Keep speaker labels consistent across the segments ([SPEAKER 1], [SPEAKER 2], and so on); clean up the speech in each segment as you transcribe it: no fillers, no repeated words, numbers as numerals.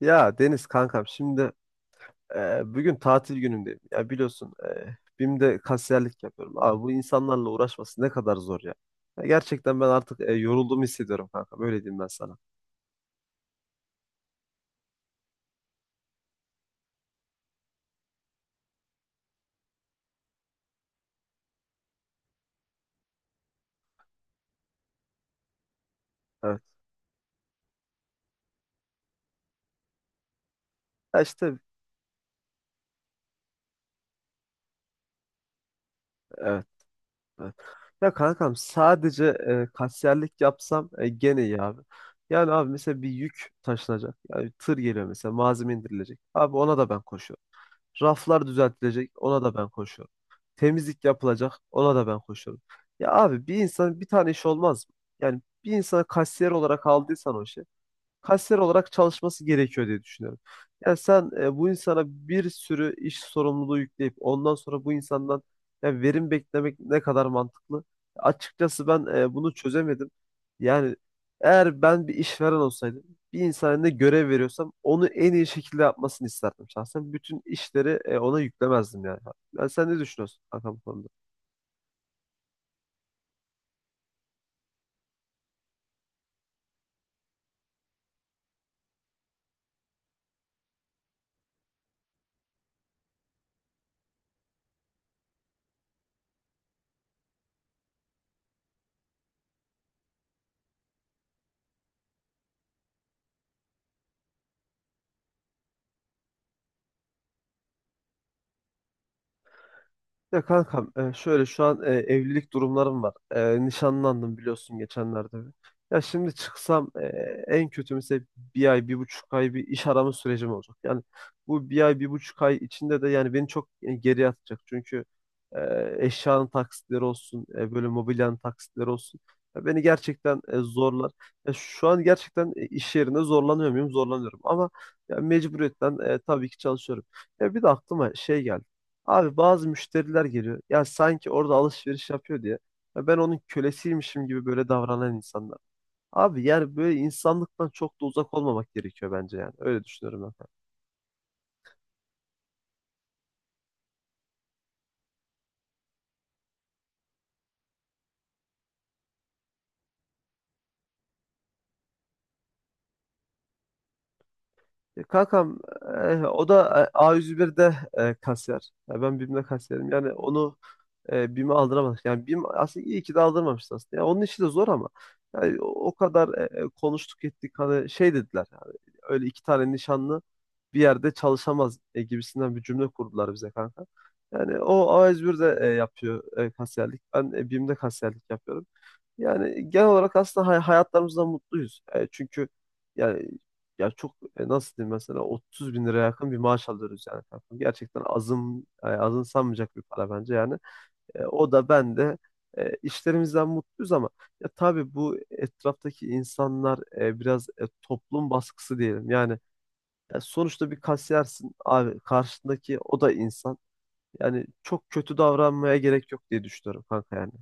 [SPEAKER 1] Ya Deniz kankam şimdi bugün tatil günümdeyim. Ya biliyorsun BİM'de kasiyerlik yapıyorum. Abi bu insanlarla uğraşması ne kadar zor ya. Ya gerçekten ben artık yorulduğumu hissediyorum kankam. Öyle diyeyim ben sana. Evet. Ya işte evet. Evet. Ya kankam sadece kasiyerlik yapsam gene iyi abi. Yani abi mesela bir yük taşınacak. Yani tır geliyor mesela malzeme indirilecek. Abi ona da ben koşuyorum. Raflar düzeltilecek, ona da ben koşuyorum. Temizlik yapılacak, ona da ben koşuyorum. Ya abi bir insan bir tane iş olmaz mı? Yani bir insana kasiyer olarak aldıysan o işi kasiyer olarak çalışması gerekiyor diye düşünüyorum. Yani sen bu insana bir sürü iş sorumluluğu yükleyip ondan sonra bu insandan yani verim beklemek ne kadar mantıklı? Açıkçası ben bunu çözemedim. Yani eğer ben bir işveren olsaydım, bir insana ne görev veriyorsam onu en iyi şekilde yapmasını isterdim şahsen. Bütün işleri ona yüklemezdim yani. Yani sen ne düşünüyorsun kankam bu konuda? Ya kankam şöyle şu an evlilik durumlarım var. Nişanlandım biliyorsun geçenlerde. Ya şimdi çıksam en kötü mesela bir ay, bir buçuk ay bir iş arama sürecim olacak. Yani bu bir ay, bir buçuk ay içinde de yani beni çok geriye atacak. Çünkü e, eşyanın taksitleri olsun, böyle mobilyanın taksitleri olsun. Ya beni gerçekten zorlar. Ya şu an gerçekten iş yerinde zorlanıyor muyum? Zorlanıyorum ama ya mecburiyetten tabii ki çalışıyorum. Ya bir de aklıma şey geldi. Abi bazı müşteriler geliyor. Ya sanki orada alışveriş yapıyor diye. Ya ben onun kölesiymişim gibi böyle davranan insanlar. Abi yani böyle insanlıktan çok da uzak olmamak gerekiyor bence yani. Öyle düşünüyorum ben. Kankam o da A101'de kasiyer. Ya ben BİM'de kasiyerim. Yani onu BİM'e aldıramadık. Yani BİM aslında iyi ki de aldırmamıştı aslında. Ya onun işi de zor ama yani o kadar konuştuk ettik hani şey dediler. Yani, öyle iki tane nişanlı bir yerde çalışamaz gibisinden bir cümle kurdular bize kanka. Yani o A101'de yapıyor kasiyerlik. Ben BİM'de kasiyerlik yapıyorum. Yani genel olarak aslında hayatlarımızdan mutluyuz. Çünkü yani ya çok nasıl diyeyim mesela 30 bin liraya yakın bir maaş alıyoruz yani kankam. Gerçekten azın azımsanmayacak bir para bence yani. O da ben de işlerimizden mutluyuz ama ya tabii bu etraftaki insanlar biraz toplum baskısı diyelim. Yani ya sonuçta bir kasiyersin abi karşındaki o da insan. Yani çok kötü davranmaya gerek yok diye düşünüyorum kanka yani.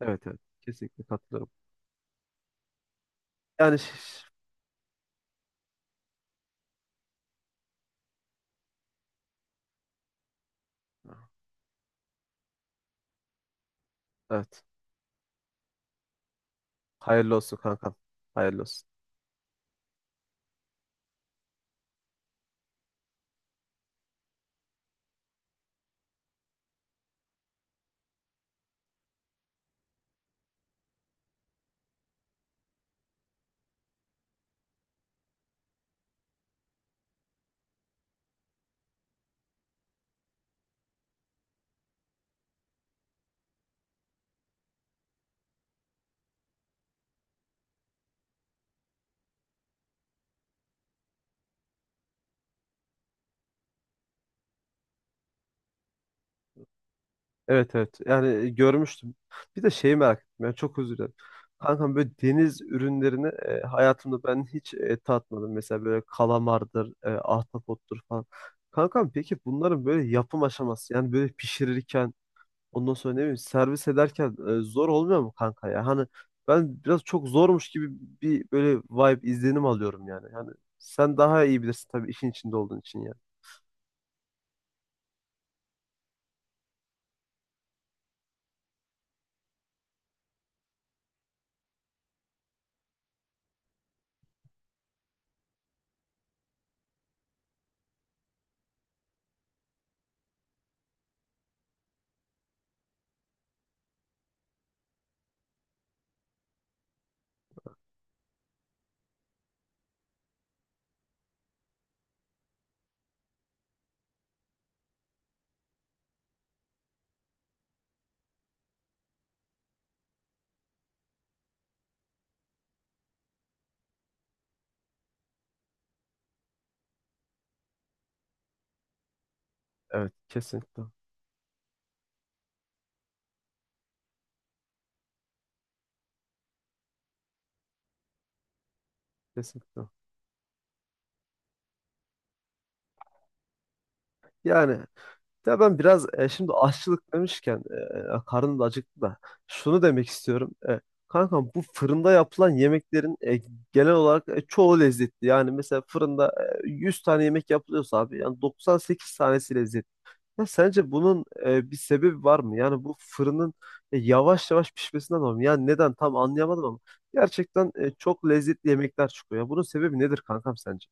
[SPEAKER 1] Evet, evet, kesinlikle katılıyorum. Yani. Evet. Hayırlı olsun kankam. Hayırlı olsun. Evet, evet. Yani görmüştüm. Bir de şeyi merak ettim. Yani çok özür dilerim. Kankam böyle deniz ürünlerini hayatımda ben hiç tatmadım. Mesela böyle kalamardır, ahtapottur falan. Kankam peki bunların böyle yapım aşaması yani böyle pişirirken ondan sonra ne bileyim servis ederken zor olmuyor mu kanka ya? Hani ben biraz çok zormuş gibi bir böyle vibe izlenim alıyorum yani. Yani sen daha iyi bilirsin tabii işin içinde olduğun için yani. Evet, kesinlikle. Kesinlikle. Yani ya ben biraz şimdi aşçılık demişken karnım da acıktı da şunu demek istiyorum. Kankam bu fırında yapılan yemeklerin genel olarak çoğu lezzetli. Yani mesela fırında 100 tane yemek yapılıyorsa abi yani 98 tanesi lezzetli. Ya sence bunun bir sebebi var mı? Yani bu fırının yavaş yavaş pişmesinden dolayı mı? Yani neden tam anlayamadım ama gerçekten çok lezzetli yemekler çıkıyor. Ya bunun sebebi nedir kankam sence?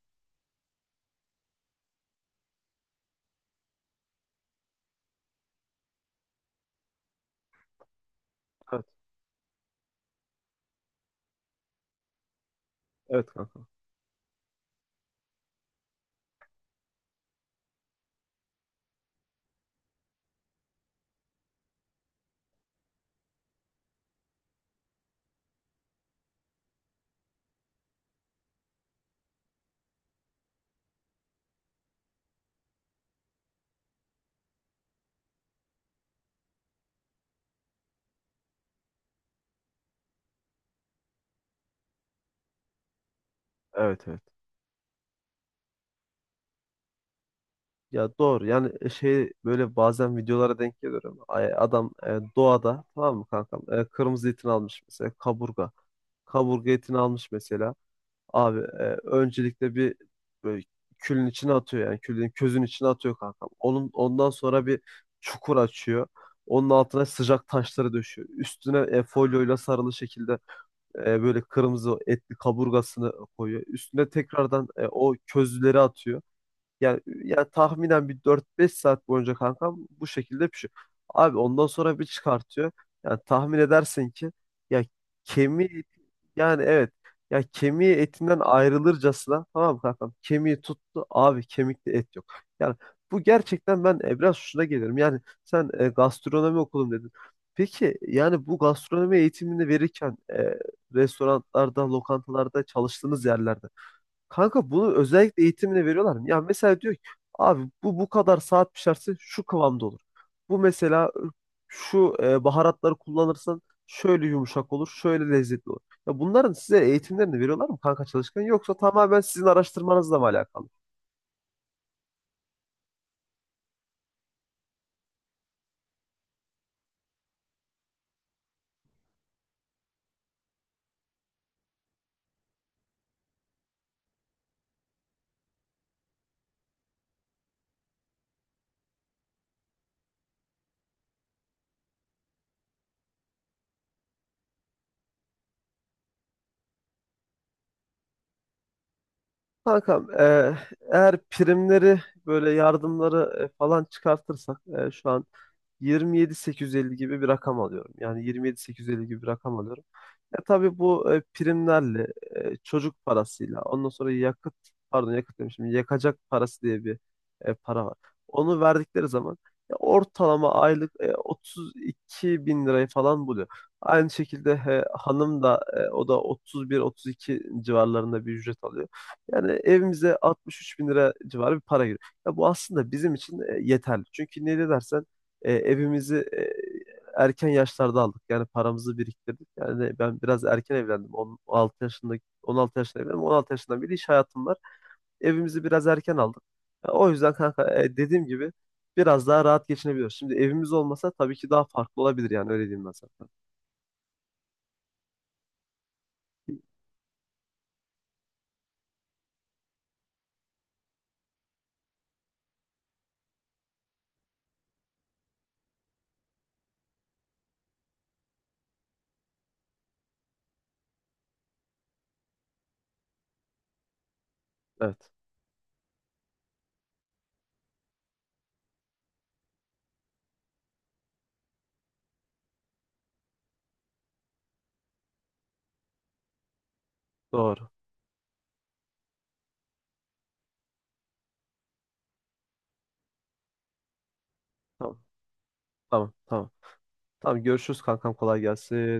[SPEAKER 1] Evet, evet kankam. Evet, evet. Ya doğru yani şey böyle bazen videolara denk geliyorum. Adam doğada tamam mı kankam? Kırmızı etini almış mesela kaburga. Kaburga etini almış mesela. Abi öncelikle bir böyle külün içine atıyor yani külün közün içine atıyor kankam. Onun ondan sonra bir çukur açıyor. Onun altına sıcak taşları döşüyor. Üstüne folyoyla sarılı şekilde böyle kırmızı etli kaburgasını koyuyor. Üstüne tekrardan o közleri atıyor. Yani ya tahminen bir dört beş saat boyunca kankam bu şekilde pişiyor. Abi ondan sonra bir çıkartıyor. Yani tahmin edersin ki, ya kemiği, yani evet, ya kemiği etinden ayrılırcasına, tamam mı kankam? Kemiği tuttu abi, kemikte et yok. Yani bu gerçekten ben biraz şuna gelirim. Yani sen gastronomi okudum dedin. Peki yani bu gastronomi eğitimini verirken restoranlarda, lokantalarda çalıştığınız yerlerde kanka bunu özellikle eğitimine veriyorlar mı? Ya mesela diyor ki abi bu kadar saat pişerse şu kıvamda olur. Bu mesela şu baharatları kullanırsan şöyle yumuşak olur, şöyle lezzetli olur. Ya bunların size eğitimlerini veriyorlar mı kanka çalışkan yoksa tamamen sizin araştırmanızla mı alakalı? Kankam, eğer primleri böyle yardımları falan çıkartırsak şu an 27.850 gibi bir rakam alıyorum. Yani 27.850 gibi bir rakam alıyorum. Tabii bu primlerle, çocuk parasıyla, ondan sonra yakıt, pardon yakıt demişim, yakacak parası diye bir para var. Onu verdikleri zaman ortalama aylık 32 bin lirayı falan buluyor. Aynı şekilde hanım da o da 31-32 civarlarında bir ücret alıyor. Yani evimize 63 bin lira civarı bir para giriyor. Ya bu aslında bizim için yeterli. Çünkü niye dersen evimizi erken yaşlarda aldık. Yani paramızı biriktirdik. Yani ben biraz erken evlendim. 16 yaşında 16 yaşında evlendim. 16 yaşından beri iş hayatım var. Evimizi biraz erken aldık. Ya o yüzden kanka dediğim gibi biraz daha rahat geçinebiliyoruz. Şimdi evimiz olmasa tabii ki daha farklı olabilir yani öyle diyeyim ben sana. Evet. Doğru. Tamam. Tamam. Tamam. Tamam. Görüşürüz kankam. Kolay gelsin.